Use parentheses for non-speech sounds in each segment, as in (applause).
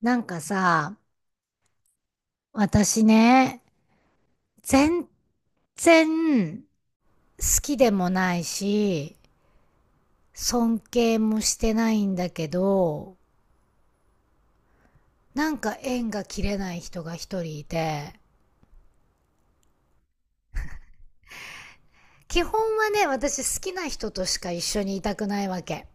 なんかさ、私ね、全然好きでもないし、尊敬もしてないんだけど、なんか縁が切れない人が一人いて。基本はね、私好きな人としか一緒にいたくないわけ。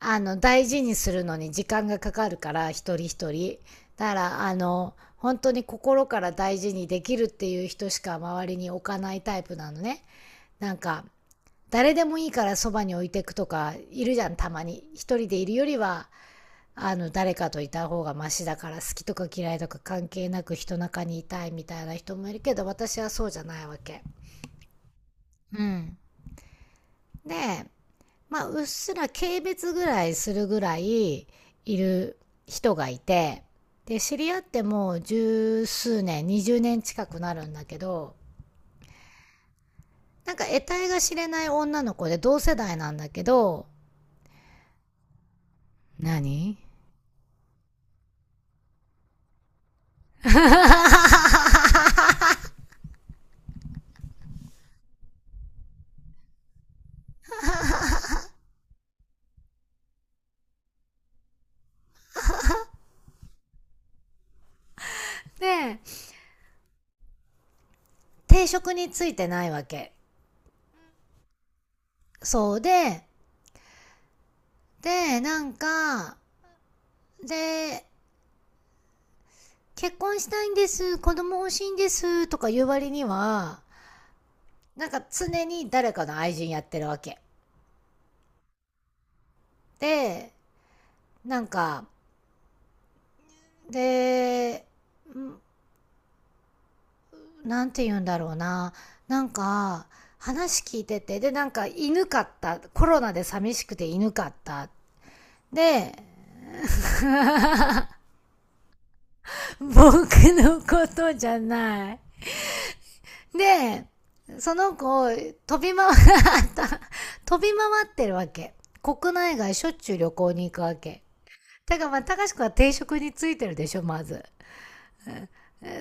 大事にするのに時間がかかるから、一人一人。だから、本当に心から大事にできるっていう人しか周りに置かないタイプなのね。なんか、誰でもいいからそばに置いていくとかいるじゃん。たまに一人でいるよりは誰かといた方がマシだから、好きとか嫌いとか関係なく人中にいたいみたいな人もいるけど、私はそうじゃないわけ。うん。で、まあ、うっすら軽蔑ぐらいするぐらいいる人がいて、で知り合ってもう十数年20年近くなるんだけど、なんか得体が知れない女の子で同世代なんだけど。何？ (laughs) で、定職についてないわけ。そうで、で、なんか、で、結婚したいんです、子供欲しいんです、とか言う割には、なんか常に誰かの愛人やってるわけ。で、なんか、で、なんて言うんだろうな。なんか、話聞いてて、で、なんか犬かった。コロナで寂しくて犬かった。で、僕のことじゃない。で、その子、飛び回った、(laughs) 飛び回ってるわけ。国内外しょっちゅう旅行に行くわけ。だからまあ、高志くは定職についてるでしょ、まず。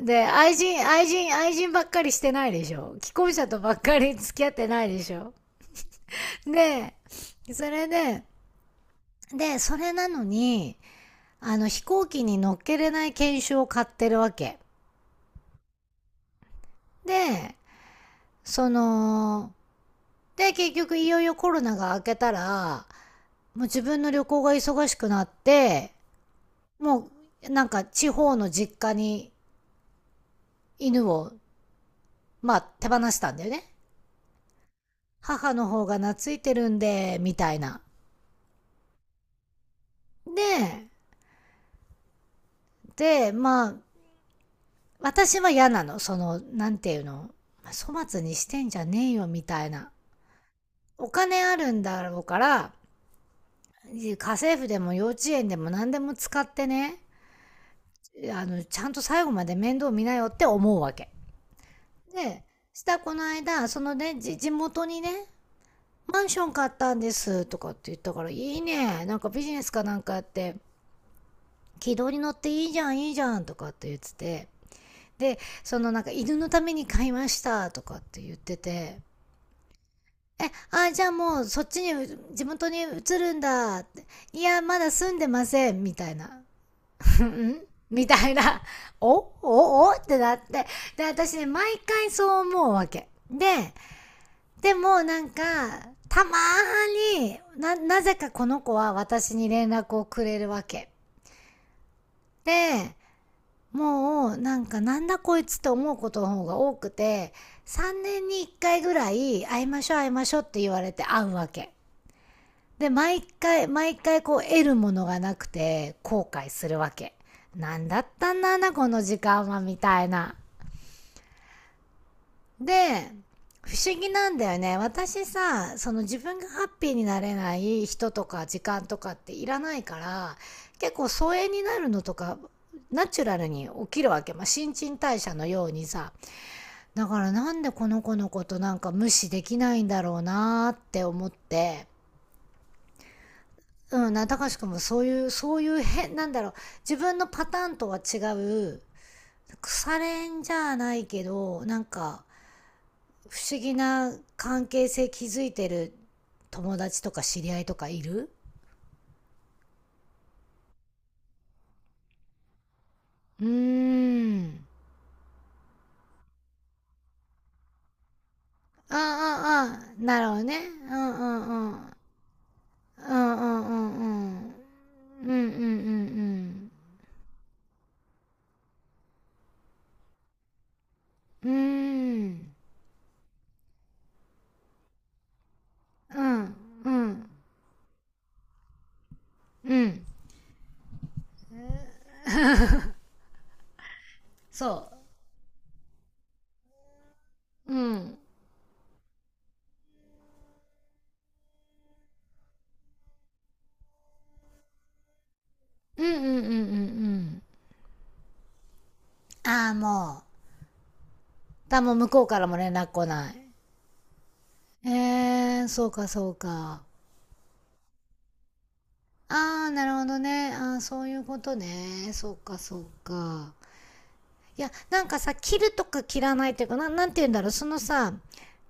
で、愛人、愛人、愛人ばっかりしてないでしょ。既婚者とばっかり付き合ってないでしょ。で、それで、で、それなのに、飛行機に乗っけれない研修を買ってるわけ。で、その、で、結局いよいよコロナが明けたら、もう自分の旅行が忙しくなって、もうなんか地方の実家に犬を、まあ手放したんだよね。母の方が懐いてるんで、みたいな。で、で、まあ、私は嫌なの。その、なんていうの。粗末にしてんじゃねえよ、みたいな。お金あるんだろうから、家政婦でも幼稚園でも何でも使ってね、ちゃんと最後まで面倒見なよって思うわけ。で、したこの間、そのね、地元にね、マンション買ったんですとかって言ったから、いいね、なんかビジネスかなんかやって、軌道に乗っていいじゃん、いいじゃんとかって言ってて、で、そのなんか犬のために買いましたとかって言ってて、え、あ、じゃあもうそっちに、地元に移るんだって。いや、まだ住んでません、みたいな。(laughs) んみたいな、おおおってなって。で、私ね、毎回そう思うわけ。で、でもなんか、たまーにな、なぜかこの子は私に連絡をくれるわけ。で、もうなんかなんだこいつって思うことの方が多くて、3年に1回ぐらい会いましょう会いましょうって言われて会うわけ。で、毎回、毎回こう得るものがなくて後悔するわけ。なんだったんだな、この時間はみたいな。で、不思議なんだよね。私さ、その自分がハッピーになれない人とか時間とかっていらないから、結構疎遠になるのとか、ナチュラルに起きるわけ。まあ、新陳代謝のようにさ。だからなんでこの子のことなんか無視できないんだろうなーって思って。うん、な、たかしくんもそういう、そういう変、なんだろう、自分のパターンとは違う、腐れんじゃないけど、なんか、不思議な関係性築いてる友達とか知り合いとかいる？うーん。ああああ、なるほどね。うんうんうん。うんうんうんうん。うんうんうんうん。うーん。うんうんうん。そう。うん。うんうんうんうんうん。ああ、もう。だもう向こうからも連絡来ない。えー、そうかそうか。ああ、なるほどね。ああ、そういうことね。そうか、そうか。いや、なんかさ、切るとか切らないっていうか、な、なんて言うんだろう。そのさ、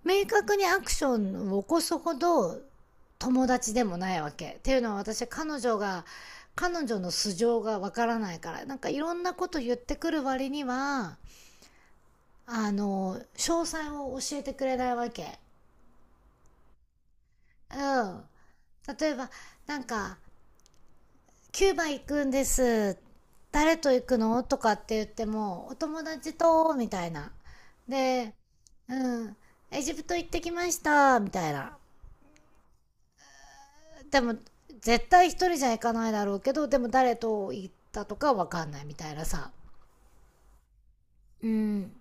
明確にアクションを起こすほど友達でもないわけ。っていうのは私、彼女が、彼女の素性がわからないから、なんかいろんなこと言ってくる割には、詳細を教えてくれないわけ。うん。例えば、なんか、キューバ行くんです。誰と行くのとかって言っても、お友達と、みたいな。で、うん、エジプト行ってきました、みたいな。でも、絶対一人じゃ行かないだろうけど、でも誰と行ったとかわかんないみたいなさ。うん、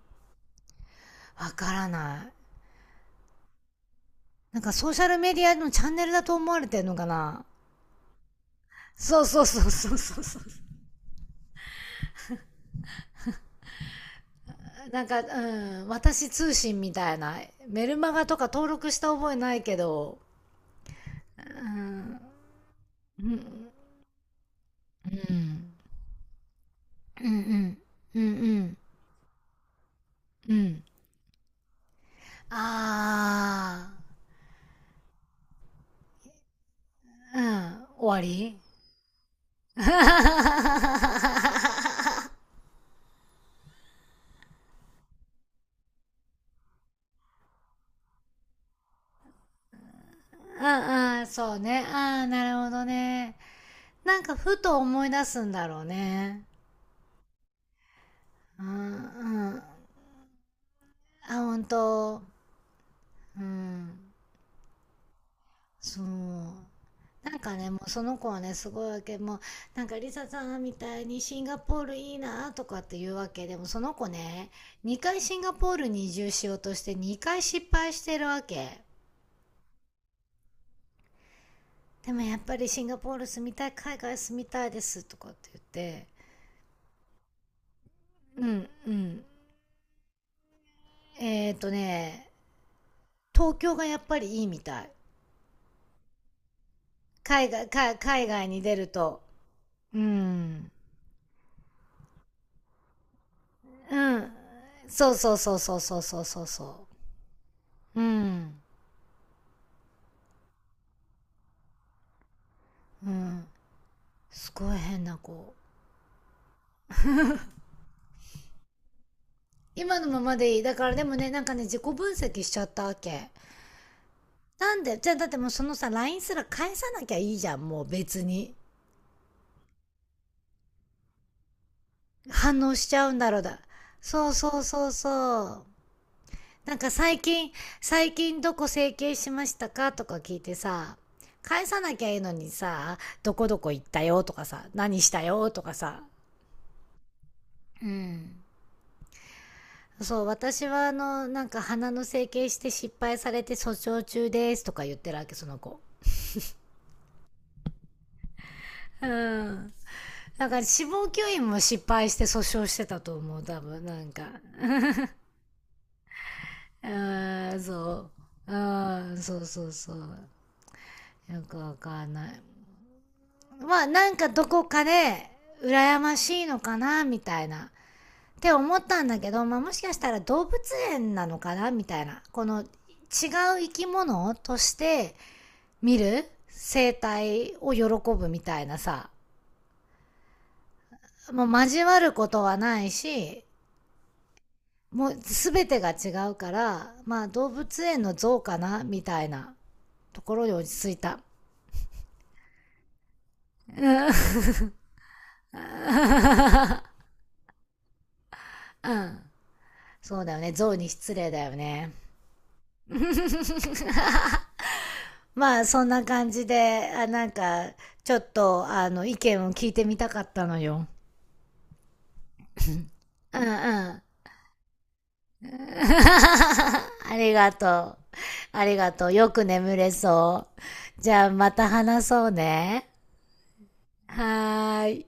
わからない。なんかソーシャルメディアのチャンネルだと思われてんのかな？そうそうそうそうそうそう。なんか、うん、私通信みたいな。メルマガとか登録した覚えないけど、うん。うん、うん、うん、うん、うん、うん。ああ、うん、終わり。 (laughs) うんうん、そうね。ああ、なるほどね。なんかふと思い出すんだろうね。うんうん。あ、ほんと。うん。そう。なんかねもうその子はねすごいわけ。もうなんかリサさんみたいにシンガポールいいなとかって言うわけ。でもその子ね、2回シンガポールに移住しようとして2回失敗してるわけ。でもやっぱりシンガポール住みたい、海外住みたいですとかって言って。うんうん。えっ、ー、とね、東京がやっぱりいいみたい。海外に出ると。うんうん。そうそうそうそうそうそうそうそう。うんうん。すごい変な子。今のままでいい。だからでもね、なんかね自己分析しちゃったわけ。なんでじゃあ、だってもうそのさ LINE すら返さなきゃいいじゃん、もう別に反応しちゃうんだろう。だそうそうそうそうなんか最近、最近どこ整形しましたかとか聞いてさ、返さなきゃいいのにさ、どこどこ行ったよとかさ、何したよとかさ。うん。そう、私はあのなんか鼻の整形して失敗されて訴訟中ですとか言ってるわけ、その子。うん。なんか死亡吸引も失敗して訴訟してたと思う多分なんか。うんそううそうそうそう。よくわかんない。まあなんかどこかで羨ましいのかなみたいなって思ったんだけど、まあ、もしかしたら動物園なのかなみたいな。この違う生き物として見る生態を喜ぶみたいなさ、もう交わることはないし、もう全てが違うから、まあ動物園の像かなみたいなところに落ち着いた。うん。そうだよね。像に失礼だよね。まあそんな感じで、あなんかちょっとあの意見を聞いてみたかったのよ。うんうん。ありがとう。ありがとう。よく眠れそう。じゃあまた話そうね。はーい。